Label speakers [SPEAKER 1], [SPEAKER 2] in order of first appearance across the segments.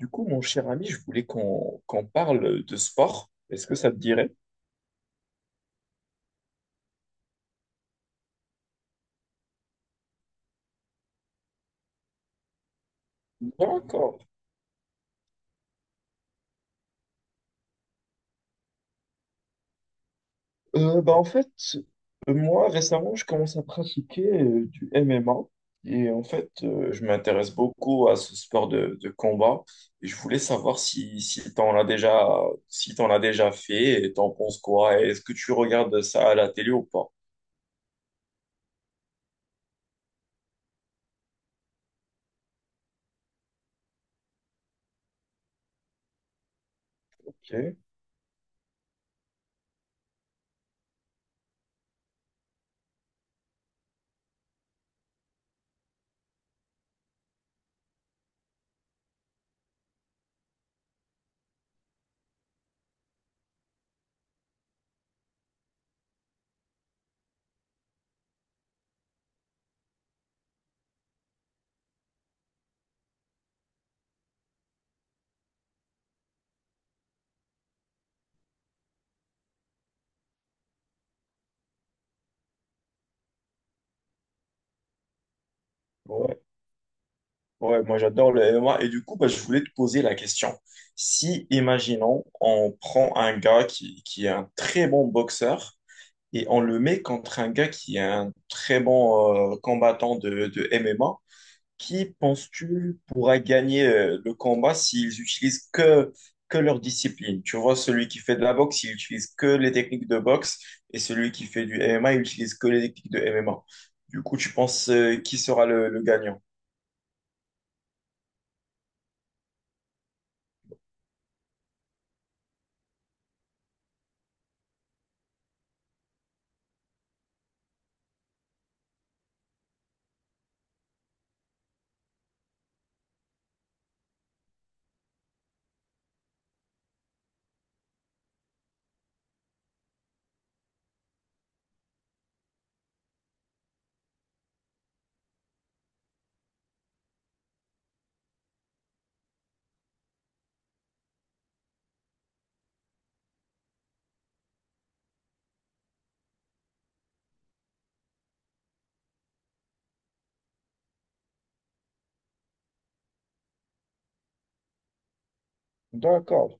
[SPEAKER 1] Du coup, mon cher ami, je voulais qu'on parle de sport. Est-ce que ça te dirait? D'accord. En fait, moi, récemment, je commence à pratiquer du MMA. Et en fait, je m'intéresse beaucoup à ce sport de combat. Et je voulais savoir si t'en as déjà fait et t'en penses quoi? Est-ce que tu regardes ça à la télé ou pas? Ok. Ouais. Ouais, moi j'adore le MMA. Et du coup, bah, je voulais te poser la question. Si, imaginons, on prend un gars qui est un très bon boxeur et on le met contre un gars qui est un très bon combattant de MMA, qui penses-tu pourra gagner le combat s'ils utilisent que leur discipline? Tu vois, celui qui fait de la boxe, il utilise que les techniques de boxe et celui qui fait du MMA, il utilise que les techniques de MMA. Du coup, tu penses qui sera le gagnant? D'accord.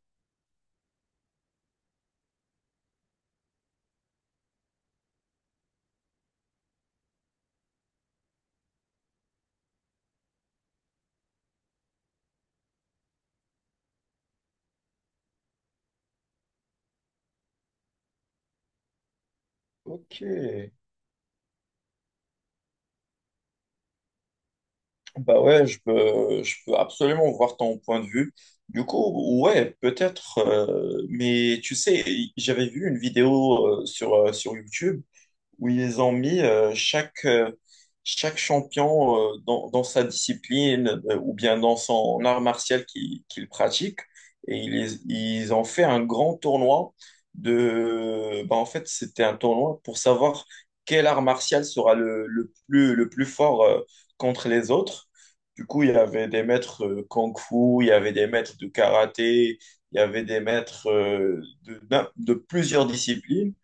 [SPEAKER 1] Ok, bah ouais, je peux absolument voir ton point de vue. Du coup, ouais, peut-être, mais tu sais, j'avais vu une vidéo sur, sur YouTube où ils ont mis chaque champion dans, dans sa discipline ou bien dans son art martial qu'il pratique. Et ils ont fait un grand tournoi de... Bah, en fait, c'était un tournoi pour savoir quel art martial sera le plus fort contre les autres. Du coup, il y avait des maîtres kung-fu, il y avait des maîtres de karaté, il y avait des maîtres de plusieurs disciplines.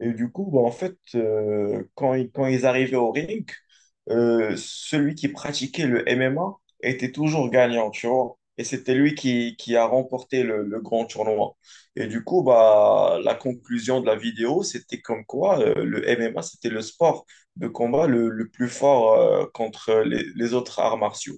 [SPEAKER 1] Et du coup, bah, en fait, quand ils arrivaient au ring, celui qui pratiquait le MMA était toujours gagnant, tu vois. Et c'était lui qui a remporté le grand tournoi. Et du coup, bah, la conclusion de la vidéo, c'était comme quoi le MMA, c'était le sport de combat le plus fort contre les autres arts martiaux.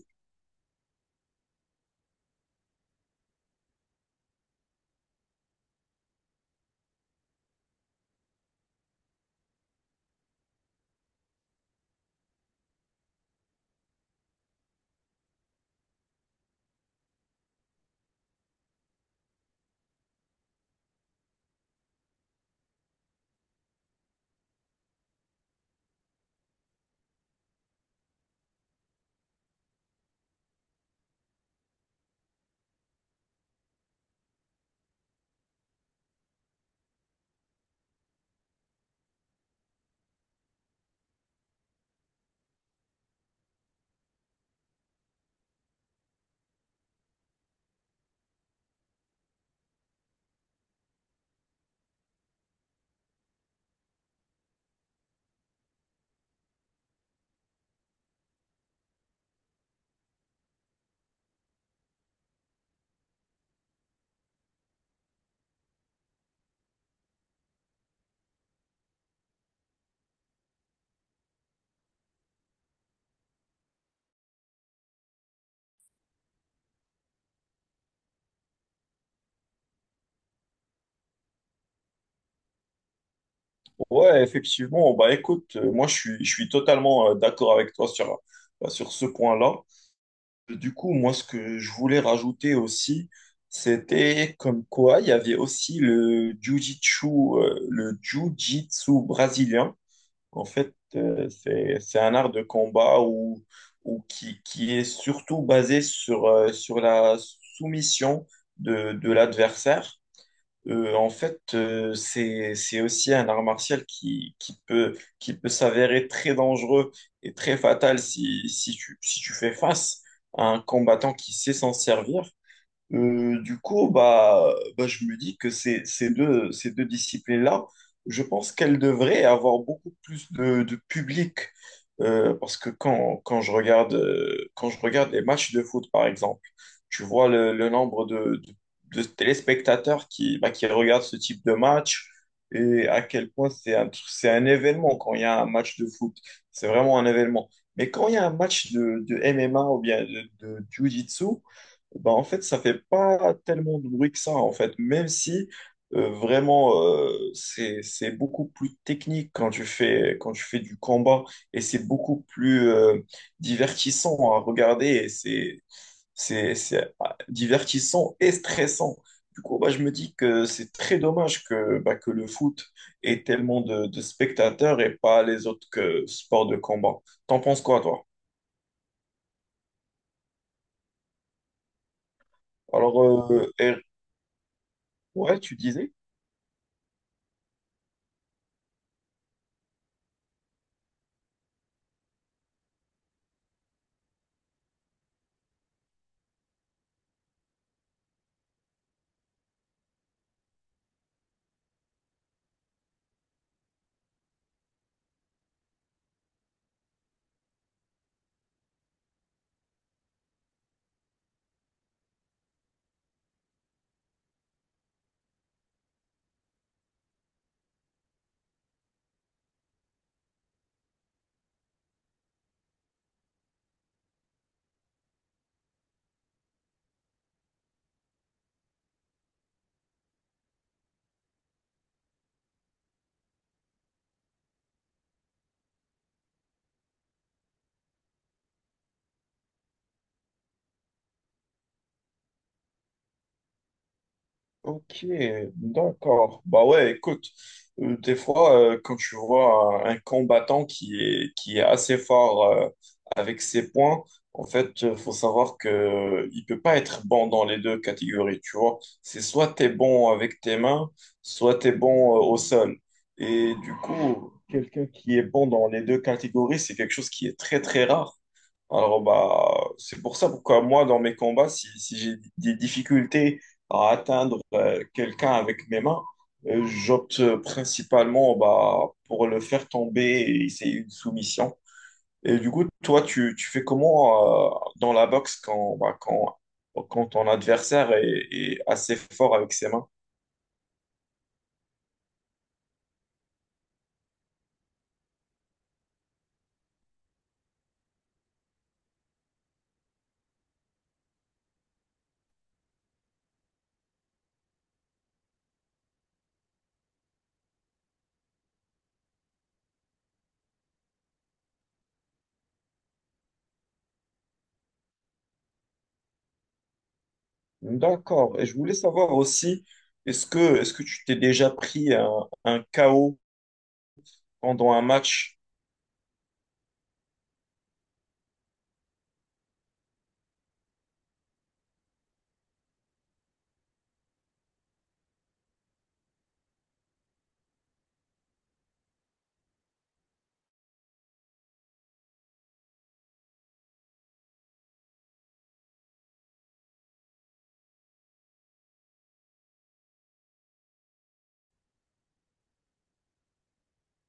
[SPEAKER 1] Ouais, effectivement, bah écoute, je suis totalement d'accord avec toi sur ce point-là. Du coup, moi, ce que je voulais rajouter aussi, c'était comme quoi il y avait aussi le jiu-jitsu brésilien. En fait, c'est un art de combat ou qui est surtout basé sur la soumission de l'adversaire. En fait, c'est aussi un art martial qui peut s'avérer très dangereux et très fatal si tu fais face à un combattant qui sait s'en servir. Du coup, bah, je me dis que ces deux disciplines-là, je pense qu'elles devraient avoir beaucoup plus de public. Parce que quand je regarde les matchs de foot, par exemple, tu vois le nombre de téléspectateurs qui, bah, qui regardent ce type de match et à quel point c'est c'est un événement quand il y a un match de foot. C'est vraiment un événement. Mais quand il y a un match de MMA ou bien de Jiu-Jitsu, bah, en fait, ça fait pas tellement de bruit que ça, en fait, même si vraiment c'est beaucoup plus technique quand tu fais du combat et c'est beaucoup plus divertissant à regarder et c'est divertissant et stressant. Du coup, bah, je me dis que c'est très dommage que que le foot ait tellement de spectateurs et pas les autres que sports de combat. T'en penses quoi, toi? Alors, euh, et- ouais, tu disais? Ok, d'accord. Bah ouais, écoute, des fois, quand tu vois un combattant qui est assez fort avec ses points, en fait, faut savoir que il peut pas être bon dans les deux catégories, tu vois. C'est soit t'es bon avec tes mains, soit t'es bon au sol. Et du coup, quelqu'un qui est bon dans les deux catégories, c'est quelque chose qui est très, très rare. Alors, bah, c'est pour ça pourquoi moi, dans mes combats, si j'ai des difficultés à atteindre quelqu'un avec mes mains, j'opte principalement bah, pour le faire tomber et c'est une soumission. Et du coup, toi, tu fais comment dans la boxe quand ton adversaire est assez fort avec ses mains? D'accord. Et je voulais savoir aussi, est-ce que tu t'es déjà pris un KO pendant un match?